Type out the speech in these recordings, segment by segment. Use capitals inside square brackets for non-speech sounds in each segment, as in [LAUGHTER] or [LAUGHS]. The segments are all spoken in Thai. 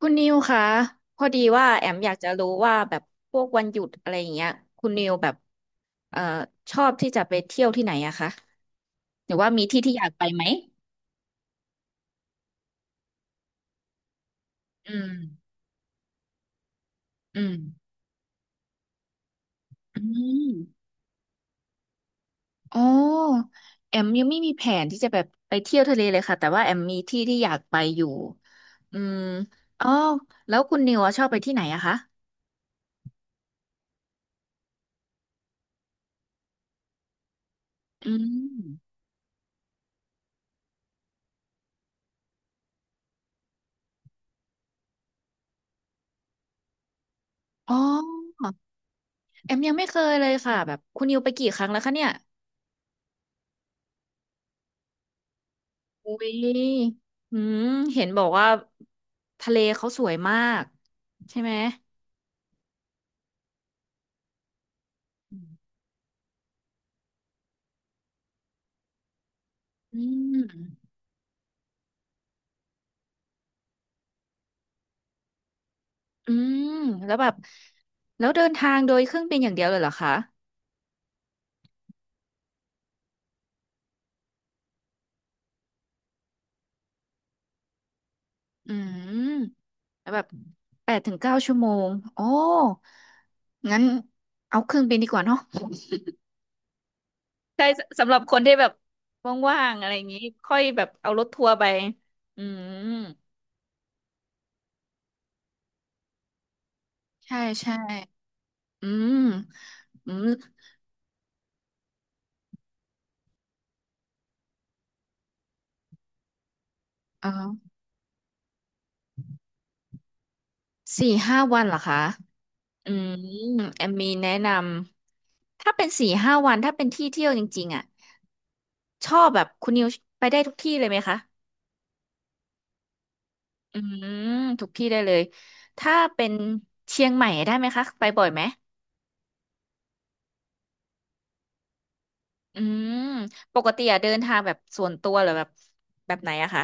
คุณนิวคะพอดีว่าแอมอยากจะรู้ว่าแบบพวกวันหยุดอะไรอย่างเงี้ยคุณนิวแบบเอ่อชอบที่จะไปเที่ยวที่ไหนอะคะหรือว่ามีที่ที่อยากไปไหมอืมอืมอืมอ๋อแอมยังไม่มีแผนที่จะแบบไปเที่ยวทะเลเลยค่ะแต่ว่าแอมมีที่ที่อยากไปอยู่อืมอ๋อแล้วคุณนิวอะชอบไปที่ไหนอะคะอืมอ๋อแอมยังไม่เคยเลยค่ะแบบคุณนิวไปกี่ครั้งแล้วคะเนี่ย อุ้ยอืมเห็นบอกว่าทะเลเขาสวยมากใช่ไหม อืมอืมแล้วแบบแล้วเดินทางโดยเครื่องบินอย่างเดียวเลยเหรอคะ อืม แล้วแบบแปดถึงเก้าชั่วโมง โอ้ งั้นเอาเครื่องบินดีกว่าเนาะ [LAUGHS] ใช่สสำหรับคนที่แบบว่างๆอะไรอย่างนี้ค่อยแบบเอารถทัวร์ไปอืมใช่ใช่ อืมอืมเออสี่ห้าวันเหรอคะ อืมแอมมีแนะนำถ้าเป็นสี่ห้าวันถ้าเป็นที่เที่ยวจริงๆอ่ะชอบแบบคุณนิวไปได้ทุกที่เลยไหมคะอืมทุกที่ได้เลยถ้าเป็นเชียงใหม่ได้ไหมคะไปบ่อยไหมอืมปกติอะเดินทางแบบส่วนตัวหรือแบบแบบไหนอะคะ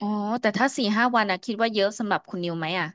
อ๋อแต่ถ้าสี่ห้าวันอะคิดว่าเยอะสำหรับคุณนิวไหมอะ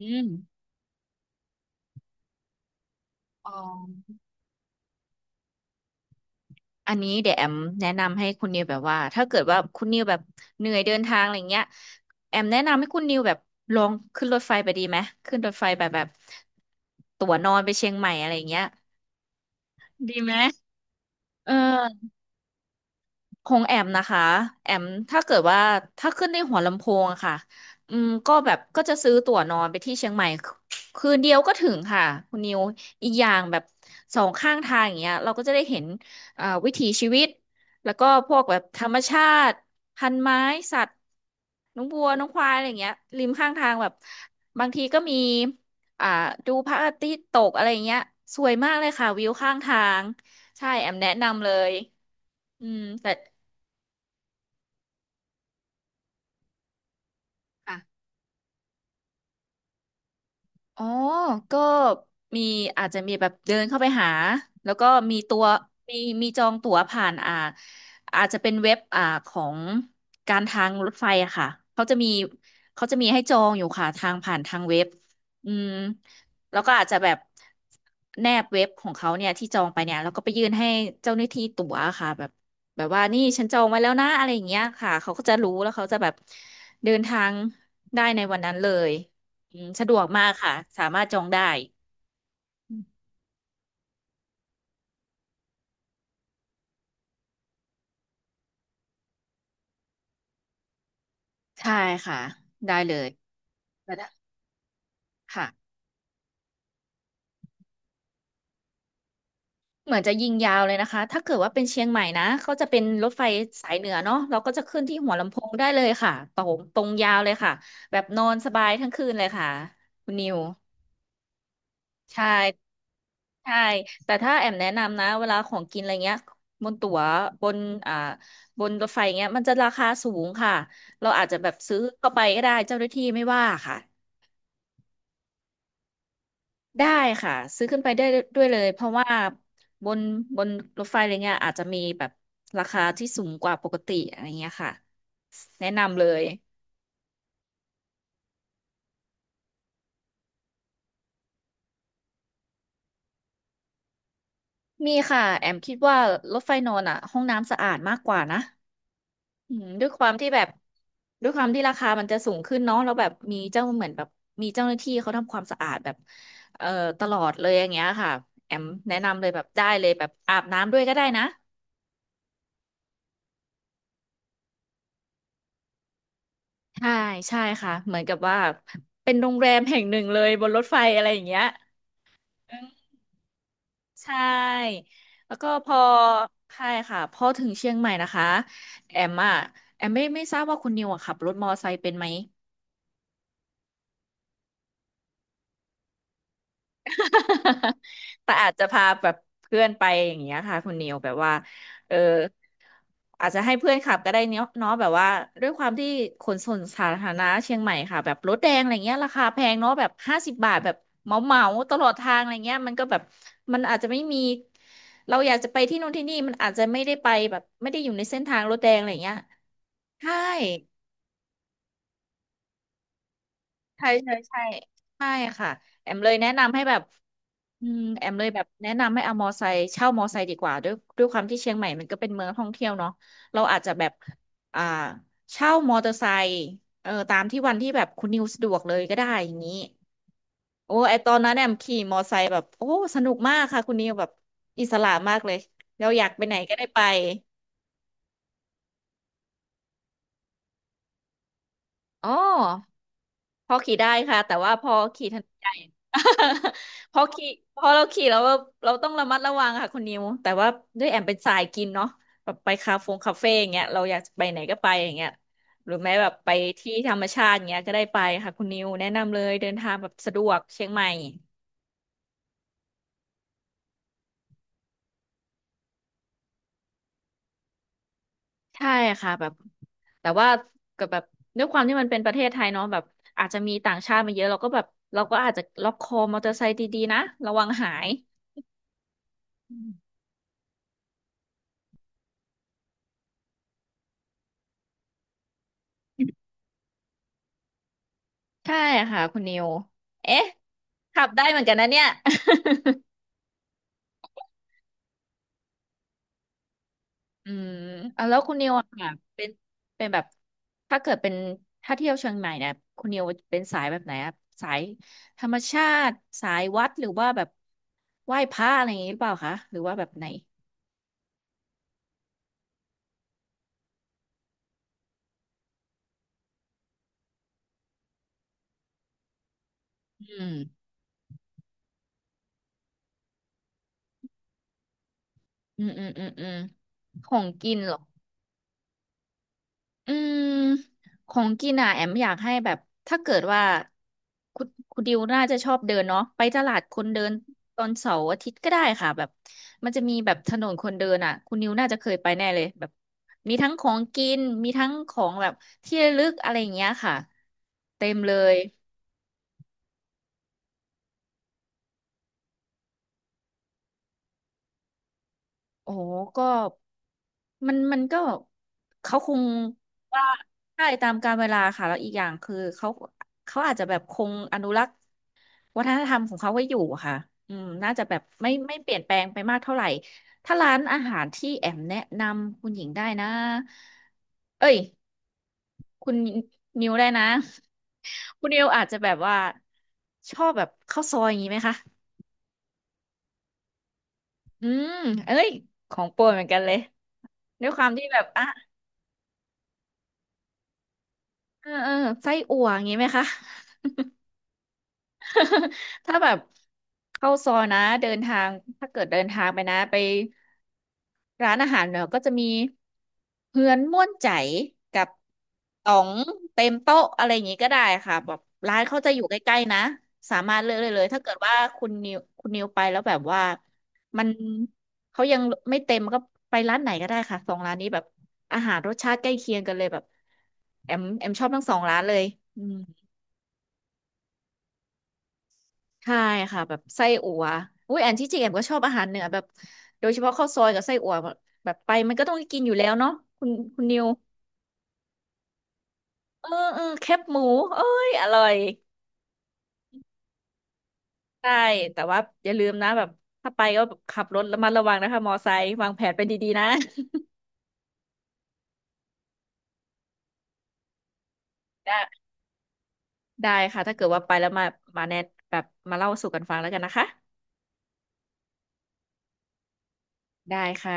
อืมอ๋อ อันนี้เดี๋ยวแอมแนะนำให้คุณนิวแบบว่าถ้าเกิดว่าคุณนิวแบบเหนื่อยเดินทางอะไรเงี้ยแอมแนะนำให้คุณนิวแบบลองขึ้นรถไฟไปดีไหมขึ้นรถไฟแบบแบบตั๋วนอนไปเชียงใหม่อะไรเงี้ยดีไหมเออ ของแอมนะคะแอมถ้าเกิดว่าถ้าขึ้นในหัวลำโพงอะค่ะอืมก็แบบก็จะซื้อตั๋วนอนไปที่เชียงใหม่คืนเดียวก็ถึงค่ะคุณนิวอีกอย่างแบบสองข้างทางอย่างเงี้ยเราก็จะได้เห็นวิถีชีวิตแล้วก็พวกแบบธรรมชาติพันไม้สัตว์น้องวัวน้องควายอะไรอย่างเงี้ยริมข้างทางแบบบางทีก็มีอ่าดูพระอาทิตย์ตกอะไรอย่างเงี้ยสวยมากเลยค่ะวิวข้างทางใช่แอมแนะนำเลยอืมแต่ อ๋อก็มีอาจจะมีแบบเดินเข้าไปหาแล้วก็มีตัวมีมีจองตั๋วผ่านอาจจะเป็นเว็บของการทางรถไฟอะค่ะเขาจะมีเขาจะมีให้จองอยู่ค่ะทางผ่านทางเว็บอืมแล้วก็อาจจะแบบแนบเว็บของเขาเนี่ยที่จองไปเนี่ยแล้วก็ไปยื่นให้เจ้าหน้าที่ตั๋วค่ะแบบแบบว่านี่ฉันจองไว้แล้วนะอะไรอย่างเงี้ยค่ะเขาก็จะรู้แล้วเขาจะแบบเดินทางได้ในวันนั้นเลย อืมสะดวกมากค่ะสามารถจองได้ใช่ค่ะได้เลยแต่ถ้าค่ะเหมือนจะยิงยาวเลยนะคะถ้าเกิดว่าเป็นเชียงใหม่นะเขาจะเป็นรถไฟสายเหนือเนาะเราก็จะขึ้นที่หัวลำโพงได้เลยค่ะตรงตรงยาวเลยค่ะแบบนอนสบายทั้งคืนเลยค่ะคุณนิวใช่ใช่แต่ถ้าแอมแนะนำนะเวลาของกินอะไรเงี้ยบนตั๋วบนอ่าบนรถไฟเงี้ยมันจะราคาสูงค่ะเราอาจจะแบบซื้อเข้าไปก็ได้เจ้าหน้าที่ไม่ว่าค่ะ ได้ค่ะซื้อขึ้นไปได้ด้วยเลยเพราะว่าบนบนรถไฟอะไรเงี้ยอาจจะมีแบบราคาที่สูงกว่าปกติอะไรเงี้ยค่ะแนะนำเลยมีค่ะแอมคิดว่ารถไฟนอนอ่ะห้องน้ำสะอาดมากกว่านะอืมด้วยความที่แบบด้วยความที่ราคามันจะสูงขึ้นเนาะแล้วแบบมีเจ้าเหมือนแบบมีเจ้าหน้าที่เขาทำความสะอาดแบบเอ่อตลอดเลยอย่างเงี้ยค่ะแอมแนะนำเลยแบบได้เลยแบบอาบน้ำด้วยก็ได้นะ ใช่ใช่ค่ะเหมือนกับว่าเป็นโรงแรมแห่งหนึ่งเลยบนรถไฟอะไรอย่างเงี้ยใช่แล้วก็พอใช่ค่ะพอถึงเชียงใหม่นะคะแอมอ่ะแอมไม่ทราบว่าคุณนิวอะขับรถมอไซค์เป็นไหม [LAUGHS] แต่อาจจะพาแบบเพื่อนไปอย่างเงี้ยค่ะคุณนิวแบบว่าเอออาจจะให้เพื่อนขับก็ได้เนาะแบบว่าด้วยความที่ขนส่งสาธารณะเชียงใหม่ค่ะแบบรถแดงอะไรเงี้ยราคาแพงเนาะแบบ50 บาทแบบเหมาเหมาตลอดทางอะไรเงี้ยมันก็แบบมันอาจจะไม่มีเราอยากจะไปที่นู่นที่นี่มันอาจจะไม่ได้ไปแบบไม่ได้อยู่ในเส้นทางรถแดงอะไรเงี้ยใช่ ใช่ใช่ใช่ใช่ค่ะแอมเลยแนะนำให้แบบแอมเลยแบบแนะนำให้เอามอไซค์เช่ามอไซค์ดีกว่าด้วยความที่เชียงใหม่มันก็เป็นเมืองท่องเที่ยวเนาะเราอาจจะแบบอ่าเช่ามอเตอร์ไซค์เออตามที่วันที่แบบคุณนิวสะดวกเลยก็ได้อย่างนี้โอ้ไอตอนนั้นแอมขี่มอไซค์แบบโอ้สนุกมากค่ะคุณนิวแบบอิสระมากเลยเราอยากไปไหนก็ได้ไปอ๋อ พอขี่ได้ค่ะแต่ว่าพอขี่ถนนใหญ่ [LAUGHS] พอขี่พอเราขี่แล้วเราต้องระมัดระวังค่ะคุณนิวแต่ว่าด้วยแอมเป็นสายกินเนาะแบบไปคาเฟงคาเฟ่อย่างเงี้ยเราอยากไปไหนก็ไปอย่างเงี้ยหรือแม้แบบไปที่ธรรมชาติอย่างเงี้ยก็ได้ไปค่ะคุณนิวแนะนำเลยเดินทางแบบสะดวกเชียงใหม่ใช่ค่ะแบบแต่ว่ากับแบบด้วยความที่มันเป็นประเทศไทยเนาะแบบอาจจะมีต่างชาติมาเยอะเราก็แบบเราก็อาจจะล็อกคอมอเตอร์ไซค์ดีๆนะระวังหายอืม ใช่ค่ะคุณนิวเอ๊ะขับได้เหมือนกันนะเนี่ย [LAUGHS] อืมเอาแล้วคุณนิวอะค่ะเป็นเป็นแบบถ้าเกิดเป็นถ้าเที่ยวเชียงใหม่เนี่ยคุณนิวเป็นสายแบบไหนอะสายธรรมชาติสายวัดหรือว่าแบบไหว้พระอะไรอย่างนี้หรือเปล่าคะหรือว่าแบบไหนอืมอืมอืมของกินเหรอ อืมของกินอ่ะแอมอยากให้แบบถ้าเกิดว่าคุณดิวน่าจะชอบเดินเนาะไปตลาดคนเดินตอนเสาร์อาทิตย์ก็ได้ค่ะแบบมันจะมีแบบถนนคนเดินอ่ะคุณดิวน่าจะเคยไปแน่เลยแบบมีทั้งของกินมีทั้งของแบบที่ระลึกอะไรอย่างเงี้ยค่ะเต็มเลยโอ้โหก็มันก็เขาคงว่าใช่ตามกาลเวลาค่ะแล้วอีกอย่างคือเขาอาจจะแบบคงอนุรักษ์ วัฒนธรรมของเขาก็อยู่อะค่ะ อืม น่าจะแบบไม่เปลี่ยนแปลงไปมากเท่าไหร่ถ้าร้านอาหารที่แอมแนะนำคุณหญิงได้นะเอ้ยคุณนิวได้นะ [LAUGHS] คุณนิวอาจจะแบบว่าชอบแบบข้าวซอยอย่างนี้ไหมคะอืมเอ้ยของโปรดเหมือนกันเลยด้วยความที่แบบอ่ะเออไส้อั่วอย่างนี้ไหมคะ [LAUGHS] ถ้าแบบเข้าซอยนะ เดินทาง ถ้าเกิดเดินทางไปนะไป ร้านอาหารเนี่ยก็จะมีเฮือนม่วนใจกับต๋องเต็มโต๊ะอะไรอย่างงี้ก็ได้ค่ะแบบร้านเขาจะอยู่ใกล้ๆนะสามารถเลือกได้เลยถ้าเกิดว่าคุณนิวไปแล้วแบบว่ามันเขายังไม่เต็มก็ไปร้านไหนก็ได้ค่ะสองร้านนี้แบบอาหารรสชาติใกล้เคียงกันเลยแบบแอมชอบทั้งสองร้านเลยอืม ใช่ค่ะแบบไส้อั่วอุ้ยแอนที่จริงแอนก็ชอบอาหารเหนือแบบโดยเฉพาะข้าวซอยกับไส้อั่วแบบไปมันก็ต้องได้กินอยู่แล้วเนาะคุณคุณนิวเออแคบหมูเอ้ยอร่อยใช่แต่ว่าอย่าลืมนะแบบถ้าไปก็ขับรถระมัดระวังนะคะมอไซค์วางแผนเป็นดีๆนะ [LAUGHS] ได้ได้ค่ะถ้าเกิดว่าไปแล้วมามาแนะแบบมาเล่าสู่กันฟังแล้วกันนะคะได้ค่ะ